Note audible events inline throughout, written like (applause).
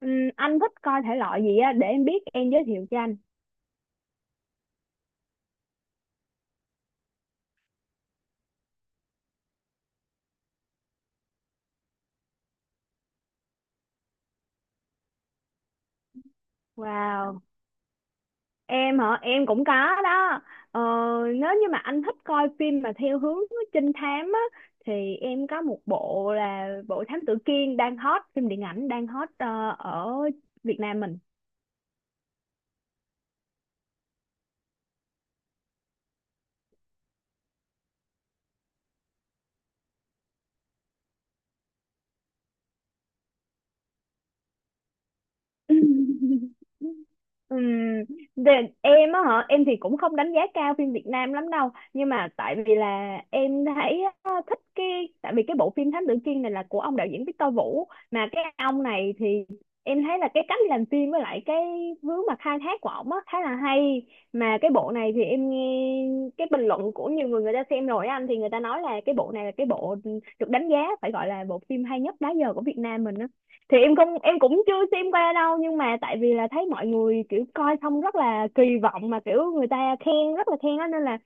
Anh thích coi thể loại gì á để em biết em giới thiệu cho anh. Wow, em hả? Em cũng có đó. Ờ, Nếu như mà anh thích coi phim mà theo hướng trinh thám á thì em có một bộ là bộ Thám Tử Kiên đang hot, phim điện ảnh đang hot ở Việt Nam mình. (laughs) Ừm, để, em á hả, em thì cũng không đánh giá cao phim Việt Nam lắm đâu, nhưng mà tại vì là em thấy á, thích cái tại vì cái bộ phim Thám Tử Kiên này là của ông đạo diễn Victor Vũ, mà cái ông này thì em thấy là cái cách làm phim với lại cái hướng mà khai thác của ổng á khá là hay. Mà cái bộ này thì em nghe cái bình luận của nhiều người, người ta xem rồi á anh, thì người ta nói là cái bộ này là cái bộ được đánh giá, phải gọi là bộ phim hay nhất đó giờ của Việt Nam mình á. Thì em không, em cũng chưa xem qua đâu, nhưng mà tại vì là thấy mọi người kiểu coi xong rất là kỳ vọng, mà kiểu người ta khen, rất là khen đó, nên là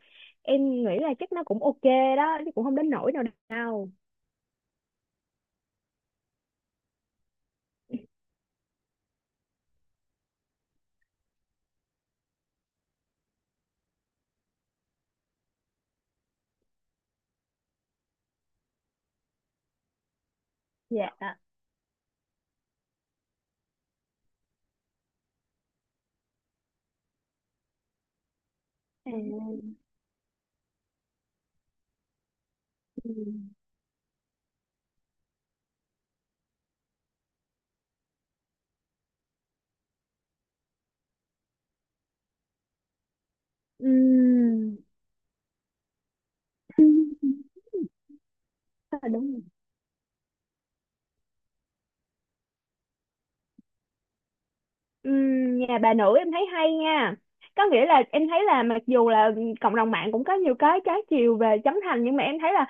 em nghĩ là chắc nó cũng ok đó chứ cũng không đến nỗi nào đâu. Dạ à. Ừ. Ừm, chắc là đúng rồi. Nhà bà nữ em thấy hay nha, có nghĩa là em thấy là mặc dù là cộng đồng mạng cũng có nhiều cái trái chiều về Trấn Thành, nhưng mà em thấy là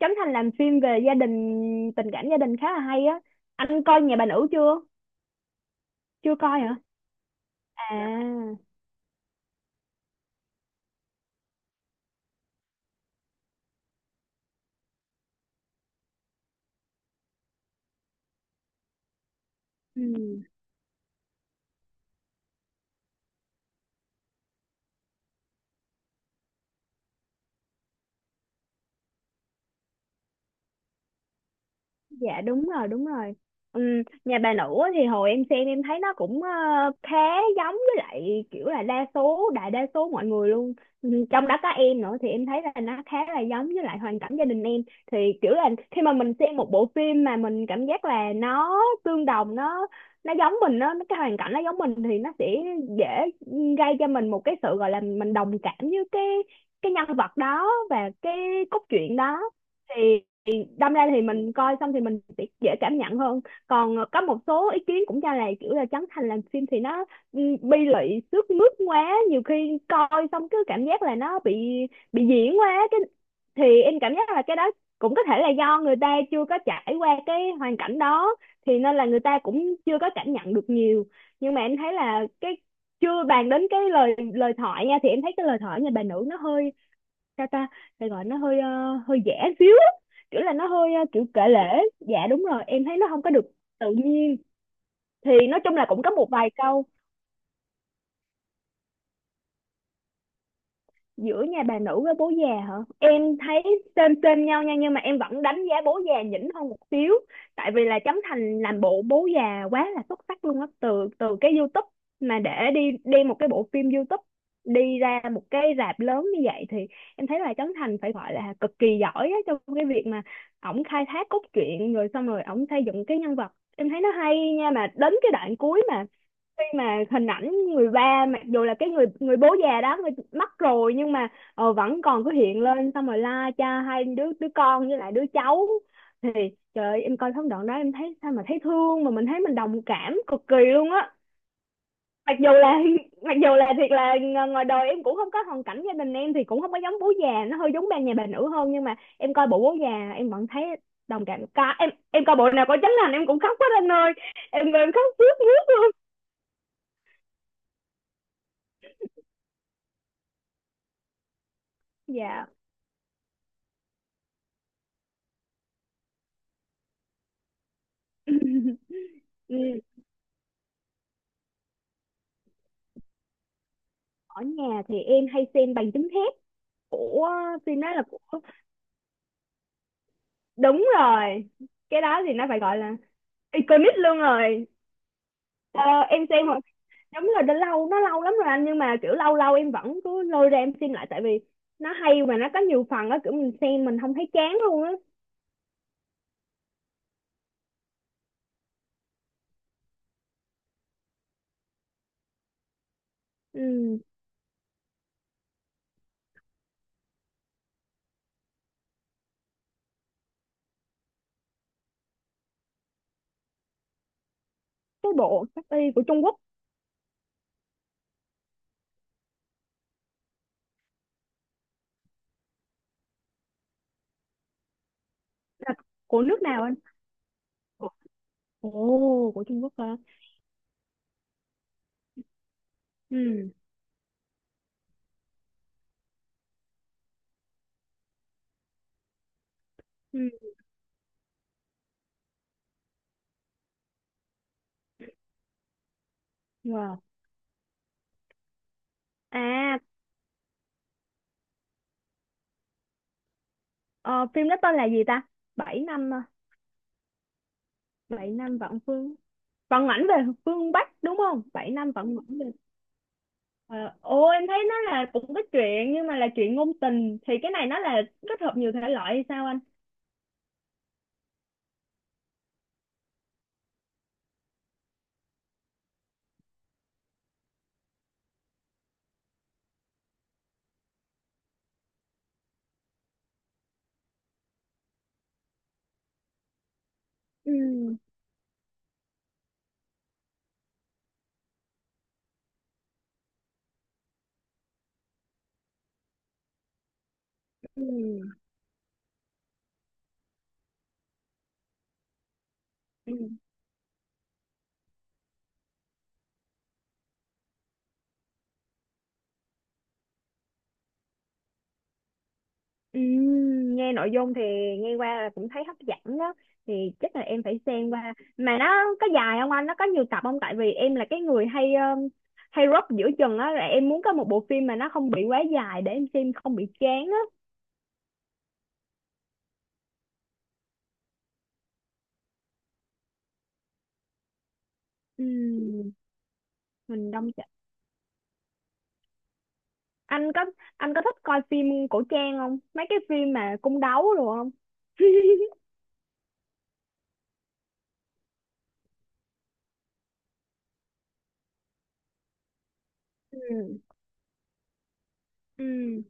Trấn Thành làm phim về gia đình, tình cảm gia đình khá là hay á. Anh coi nhà bà nữ chưa? Chưa coi hả? À. Ừ. Dạ đúng rồi, đúng rồi. Ừ, nhà bà nữ á thì hồi em xem em thấy nó cũng khá giống với lại kiểu là đa số, đại đa số mọi người luôn. Ừ, trong đó có em nữa thì em thấy là nó khá là giống với lại hoàn cảnh gia đình em. Thì kiểu là khi mà mình xem một bộ phim mà mình cảm giác là nó tương đồng, nó giống mình, nó cái hoàn cảnh nó giống mình thì nó sẽ dễ gây cho mình một cái sự, gọi là mình đồng cảm với cái nhân vật đó và cái cốt truyện đó. Thì đâm ra thì mình coi xong thì mình sẽ dễ cảm nhận hơn. Còn có một số ý kiến cũng cho là kiểu là Trấn Thành làm phim thì nó, ừ, bi lụy sướt mướt quá, nhiều khi coi xong cứ cảm giác là nó bị diễn quá cái, thì em cảm giác là cái đó cũng có thể là do người ta chưa có trải qua cái hoàn cảnh đó thì nên là người ta cũng chưa có cảm nhận được nhiều. Nhưng mà em thấy là cái, chưa bàn đến cái lời lời thoại nha, thì em thấy cái lời thoại nhà bà nữ nó hơi, sao ta, phải gọi nó hơi hơi giả xíu á, kiểu là nó hơi kiểu kể lể. Dạ đúng rồi, em thấy nó không có được tự nhiên. Thì nói chung là cũng có một vài câu. Giữa nhà bà nữ với bố già hả, em thấy trên trên nhau nha, nhưng mà em vẫn đánh giá bố già nhỉnh hơn một xíu, tại vì là Trấn Thành làm bộ bố già quá là xuất sắc luôn á. Từ từ cái YouTube mà để đi đem một cái bộ phim YouTube đi ra một cái rạp lớn như vậy thì em thấy là Trấn Thành phải gọi là cực kỳ giỏi á trong cái việc mà ổng khai thác cốt truyện, rồi xong rồi ổng xây dựng cái nhân vật, em thấy nó hay nha. Mà đến cái đoạn cuối mà khi mà hình ảnh người ba, mặc dù là cái người người bố già đó người mất rồi, nhưng mà vẫn còn cứ hiện lên xong rồi la cha hai đứa, đứa con với lại đứa cháu, thì trời ơi, em coi phân đoạn đó em thấy sao mà thấy thương, mà mình thấy mình đồng cảm cực kỳ luôn á. Mặc dù là (laughs) mặc dù là thiệt là ngoài đời em cũng không có, hoàn cảnh gia đình em thì cũng không có giống bố già, nó hơi giống ba nhà bà nữ hơn, nhưng mà em coi bộ bố già em vẫn thấy đồng cảm ca. Em coi bộ nào có Trấn Thành em cũng khóc hết anh ơi, em khócướt mướt luôn. Dạ. Ừ. Ở nhà thì em hay xem bằng chứng thép của. Phim đó là của. Đúng rồi. Cái đó thì nó phải gọi là iconic luôn rồi. ờ, em xem hồi-. Đúng rồi, đã lâu, nó lâu lắm rồi anh, nhưng mà kiểu lâu lâu em vẫn cứ lôi ra em xem lại, tại vì nó hay mà nó có nhiều phần á, kiểu mình xem mình không thấy chán luôn á. Ừ. Cái bộ Cát Y của Trung Quốc là của nước nào anh? Ủa, ồ của Trung Quốc hả? Ừ. Ừ. Wow. À. ờ, Phim đó tên là gì ta, bảy năm à? Bảy năm vạn phương, Phận ảnh về phương Bắc đúng không? Bảy năm phận ảnh về. Ờ, Ồ em thấy nó là cũng có chuyện, nhưng mà là chuyện ngôn tình, thì cái này nó là kết hợp nhiều thể loại hay sao anh? Ừ. Ừ. Ừ. Ừ, nghe nội dung thì nghe qua là cũng thấy hấp dẫn đó. Thì chắc là em phải xem qua, mà nó có dài không anh, nó có nhiều tập không, tại vì em là cái người hay hay rớp giữa chừng á, là em muốn có một bộ phim mà nó không bị quá dài để em xem không bị chán á. Ừ, mình đông. Anh có, anh có thích coi phim cổ trang không, mấy cái phim mà cung đấu rồi không? (laughs) Ừ. Ừ.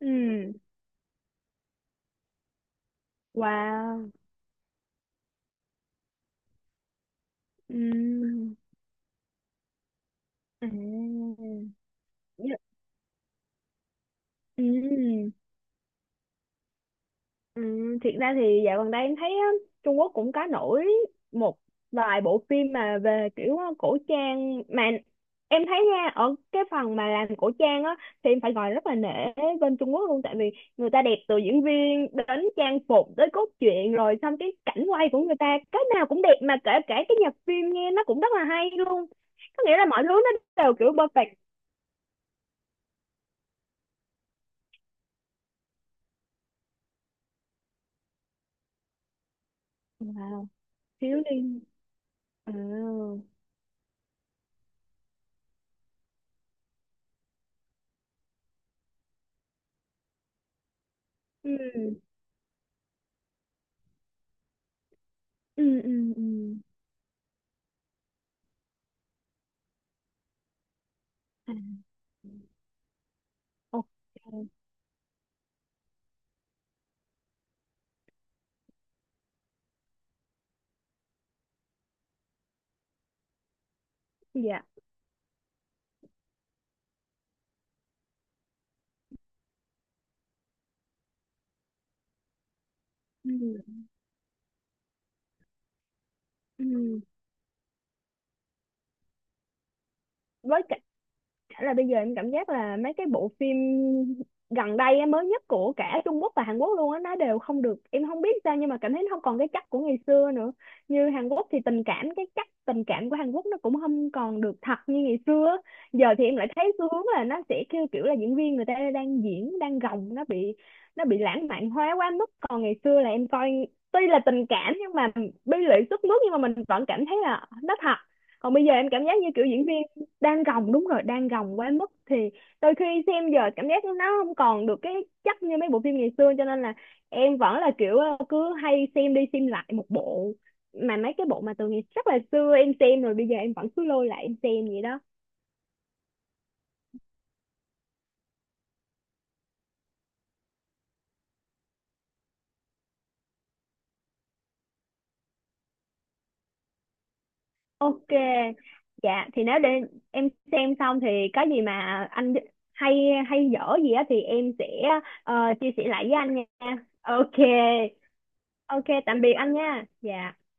Ừ. Wow. Ừ. À. Ừ. Ừ. Ừ, thiệt ra thì dạo gần đây em thấy á, Trung Quốc cũng có nổi một vài bộ phim mà về kiểu cổ trang, mà em thấy nha, ở cái phần mà làm cổ trang á thì em phải gọi rất là nể bên Trung Quốc luôn, tại vì người ta đẹp từ diễn viên đến trang phục tới cốt truyện, rồi xong cái cảnh quay của người ta cái nào cũng đẹp, mà kể cả cái nhạc phim nghe nó cũng rất là hay luôn. Có nghĩa là mọi thứ nó đều kiểu perfect. Wow, thiếu đi. À. Ừ. Ừ. Ừ. Ừ. À, ok. Dạ. Ừ. Ừ. Với cả, chả là bây giờ em cảm giác là mấy cái bộ phim gần đây á, mới nhất của cả Trung Quốc và Hàn Quốc luôn á, nó đều không được, em không biết sao, nhưng mà cảm thấy nó không còn cái chất của ngày xưa nữa. Như Hàn Quốc thì tình cảm, cái chất tình cảm của Hàn Quốc nó cũng không còn được thật như ngày xưa á. Giờ thì em lại thấy xu hướng là nó sẽ kêu kiểu là diễn viên người ta đang diễn đang gồng, nó bị, nó bị lãng mạn hóa quá mức. Còn ngày xưa là em coi, tuy là tình cảm nhưng mà bi lụy sức mướt, nhưng mà mình vẫn cảm thấy là nó thật. Còn bây giờ em cảm giác như kiểu diễn viên đang gồng, đúng rồi, đang gồng quá mức, thì đôi khi xem giờ cảm giác nó không còn được cái chất như mấy bộ phim ngày xưa, cho nên là em vẫn là kiểu cứ hay xem đi xem lại một bộ, mà mấy cái bộ mà từ ngày rất là xưa em xem rồi bây giờ em vẫn cứ lôi lại em xem vậy đó. Ok. Dạ thì nếu để em xem xong thì có gì mà anh, hay hay dở gì á, thì em sẽ chia sẻ lại với anh nha. Ok. Ok, tạm biệt anh nha. Dạ.